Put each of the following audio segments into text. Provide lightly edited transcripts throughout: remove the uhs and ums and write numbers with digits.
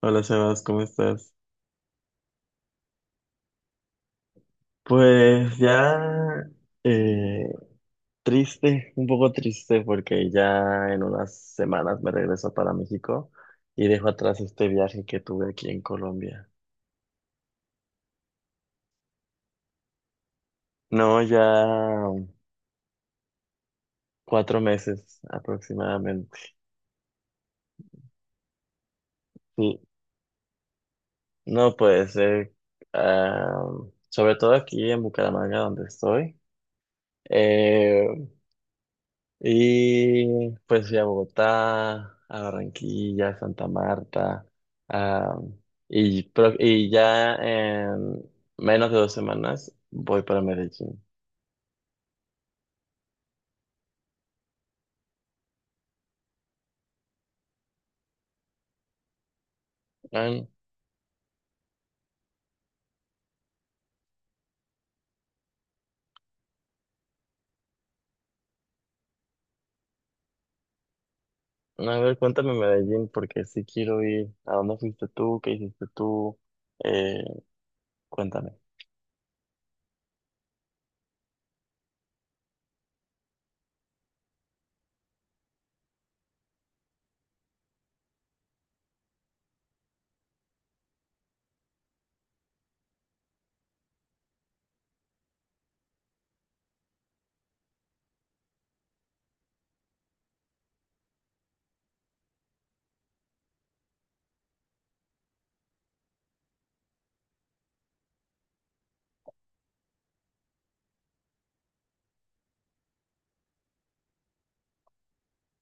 Hola Sebas, ¿cómo estás? Pues ya eh, triste, un poco triste porque ya en unas semanas me regreso para México y dejo atrás este viaje que tuve aquí en Colombia. No, ya 4 meses aproximadamente. Sí, no puede ser. ah, Sobre todo aquí en Bucaramanga donde estoy. eh, Y pues fui a Bogotá, a Barranquilla, a Santa Marta, ah, y ya en menos de 2 semanas voy para Medellín. Ay, a ver, cuéntame Medellín porque sí quiero ir. ¿A dónde fuiste tú? ¿Qué hiciste tú? Eh, cuéntame.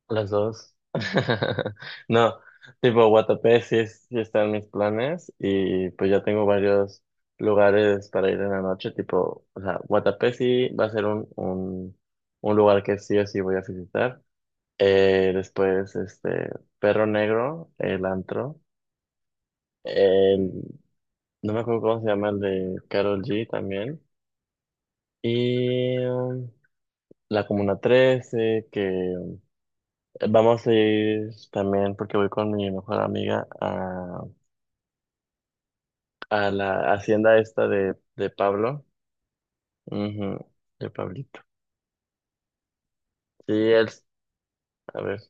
Las dos. No, tipo Guatapé sí, sí está en mis planes y pues ya tengo varios lugares para ir en la noche, tipo, o sea, Guatapé sí va a ser un lugar que sí o sí voy a visitar. Después, este, Perro Negro, el antro. El- no me acuerdo cómo se llama el de Carol G también. Y la Comuna 13 que vamos a ir también, porque voy con mi mejor amiga a la hacienda esta de Pablo. Ujú, de Pablito. Sí, él, a ver,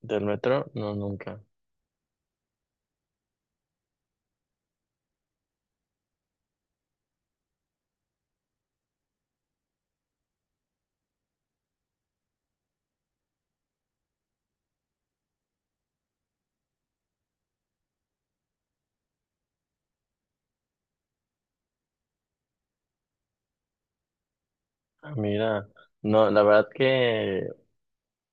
del metro, no, nunca. Ah, mira, no, la verdad que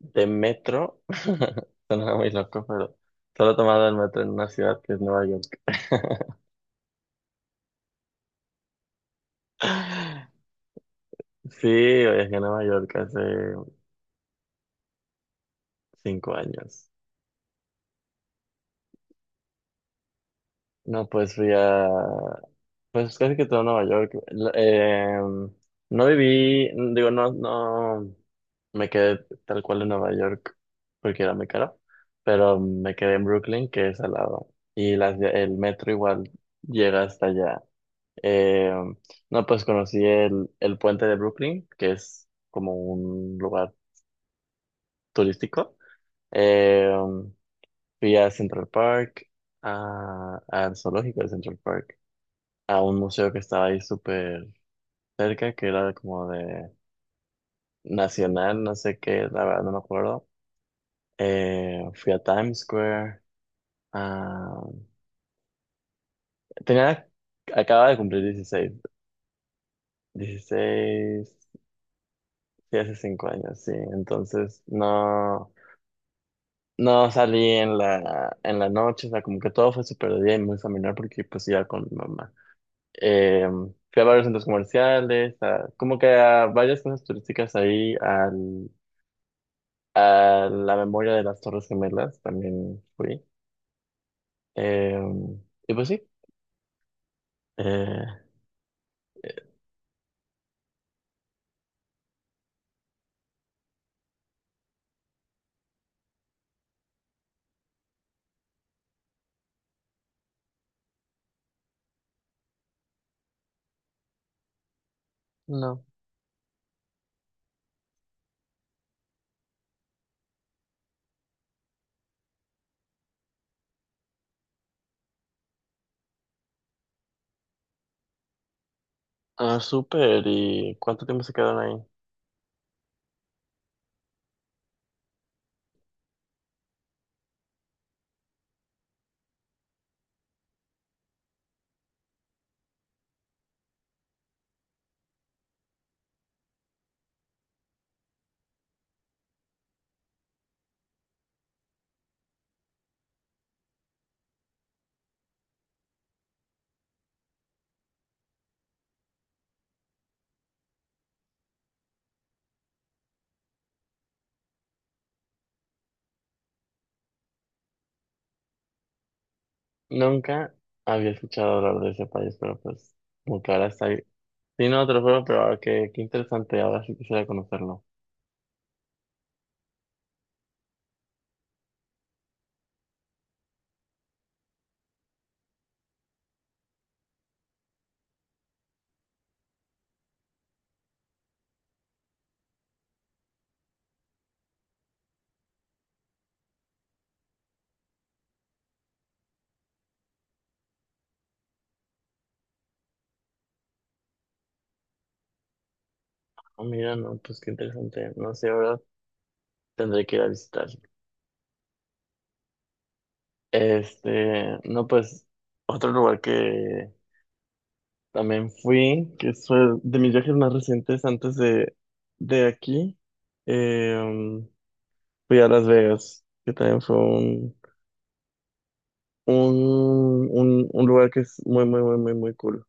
de metro, suena muy loco, pero solo he tomado el metro en una ciudad que es Nueva York. Sí, viajé a Nueva York hace 5 años. No, pues pues casi que todo Nueva York. No viví, digo, no, me quedé tal cual en Nueva York porque era muy caro, pero me quedé en Brooklyn, que es al lado, y el metro igual llega hasta allá. Eh, no, pues conocí el puente de Brooklyn, que es como un lugar turístico. Eh, Fui a Central Park, a, al zoológico de Central Park, a un museo que estaba ahí súper cerca, que era como de Nacional, no sé qué, la verdad no me acuerdo. Fui a Times Square. ah, Tenía, acababa de cumplir dieciséis, sí, hace 5 años, sí. Entonces no, no salí en en la noche, o sea, como que todo fue súper de día y muy familiar porque pues iba con mi mamá. Eh, Fui a varios centros comerciales, como que a varias cosas turísticas ahí, al a la memoria de las Torres Gemelas también fui. Eh, y pues sí. Eh, eh, no. Ah, súper. ¿Y cuánto tiempo se quedaron ahí? Nunca había escuchado hablar de ese país, pero pues, como que ahora está ahí. Sí, no, te lo juro, pero ahora qué, qué interesante. Ahora sí quisiera conocerlo. Ah, mira, no, pues qué interesante. No sé, ahora tendré que ir a visitar. Este, no, pues, otro lugar que también fui, que fue de mis viajes más recientes antes de aquí. eh, um, Fui a Las Vegas, que también fue un lugar que es muy, muy, muy, muy, muy cool.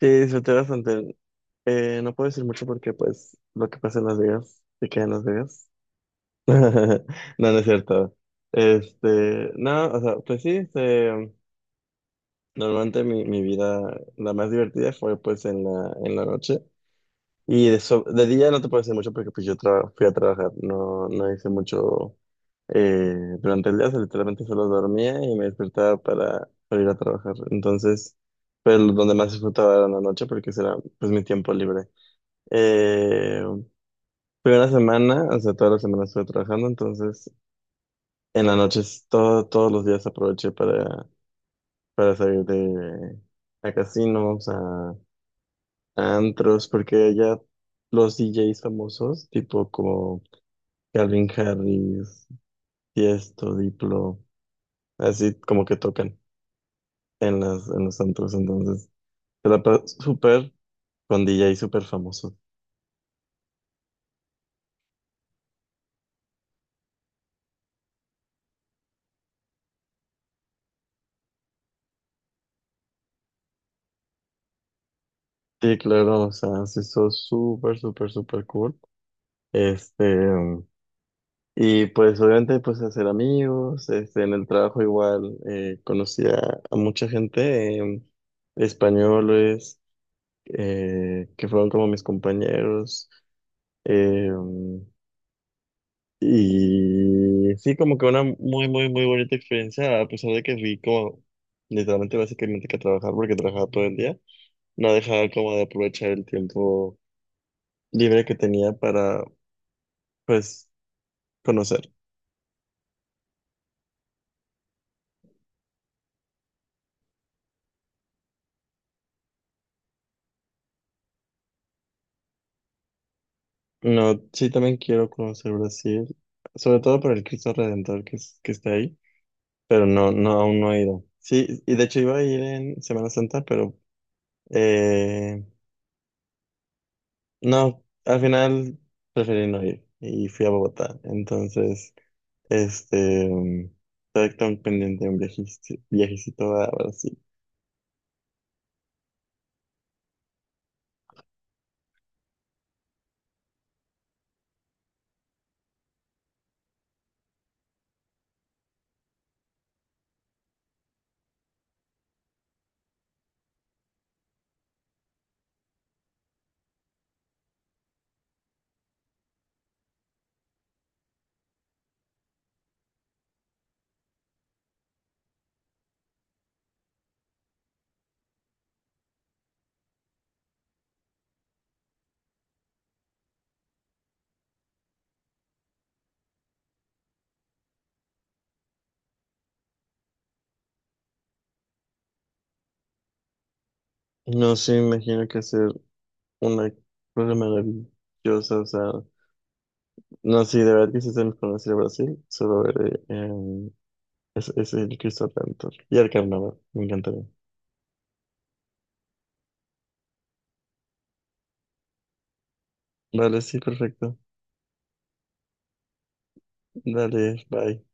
Sí, disfruté bastante. No puedo decir mucho porque, pues, lo que pasa en Las Vegas se queda en Las Vegas. No, no es cierto. Este, no, o sea, pues sí, este, normalmente mi vida, la más divertida fue, pues, en en la noche. Y de día no te puedo decir mucho porque pues yo fui a trabajar, no, no hice mucho eh, durante el día, o sea, literalmente solo dormía y me despertaba para ir a trabajar. Entonces, pero donde más disfrutaba era en la noche porque ese era pues mi tiempo libre. Eh, Fui una semana, o sea, toda la semana estuve trabajando, entonces en las noches todos los días aproveché para salir a casinos, a antros, porque ya los D DJs famosos, tipo como... Calvin Harris, Tiesto, Diplo, así como que tocan en en los antros, entonces súper con DJ súper famoso. Sí, claro, o sea, se hizo súper, súper, súper cool. Este, y pues obviamente pues hacer amigos, este, en el trabajo igual conocí a mucha gente, españoles, que fueron como mis compañeros. eh, Y sí, como que una muy, muy, muy bonita experiencia, a pesar de que fui como literalmente, básicamente que a trabajar, porque trabajaba todo el día, no dejaba como de aprovechar el tiempo libre que tenía para, pues, conocer. No, sí, también quiero conocer Brasil, sobre todo por el Cristo Redentor que, que está ahí, pero no, no, aún no he ido. Sí, y de hecho iba a ir en Semana Santa, pero eh, no, al final preferí no ir y fui a Bogotá, entonces... Este, está tan pendiente un viajecito, viajecito a Brasil. No sé, me imagino que hacer una cosa maravillosa, o sea, no sé, de verdad que si se me conoce Brasil, solo veré es el Cristo Redentor y el carnaval, me encantaría. Vale, sí, perfecto. Dale, bye.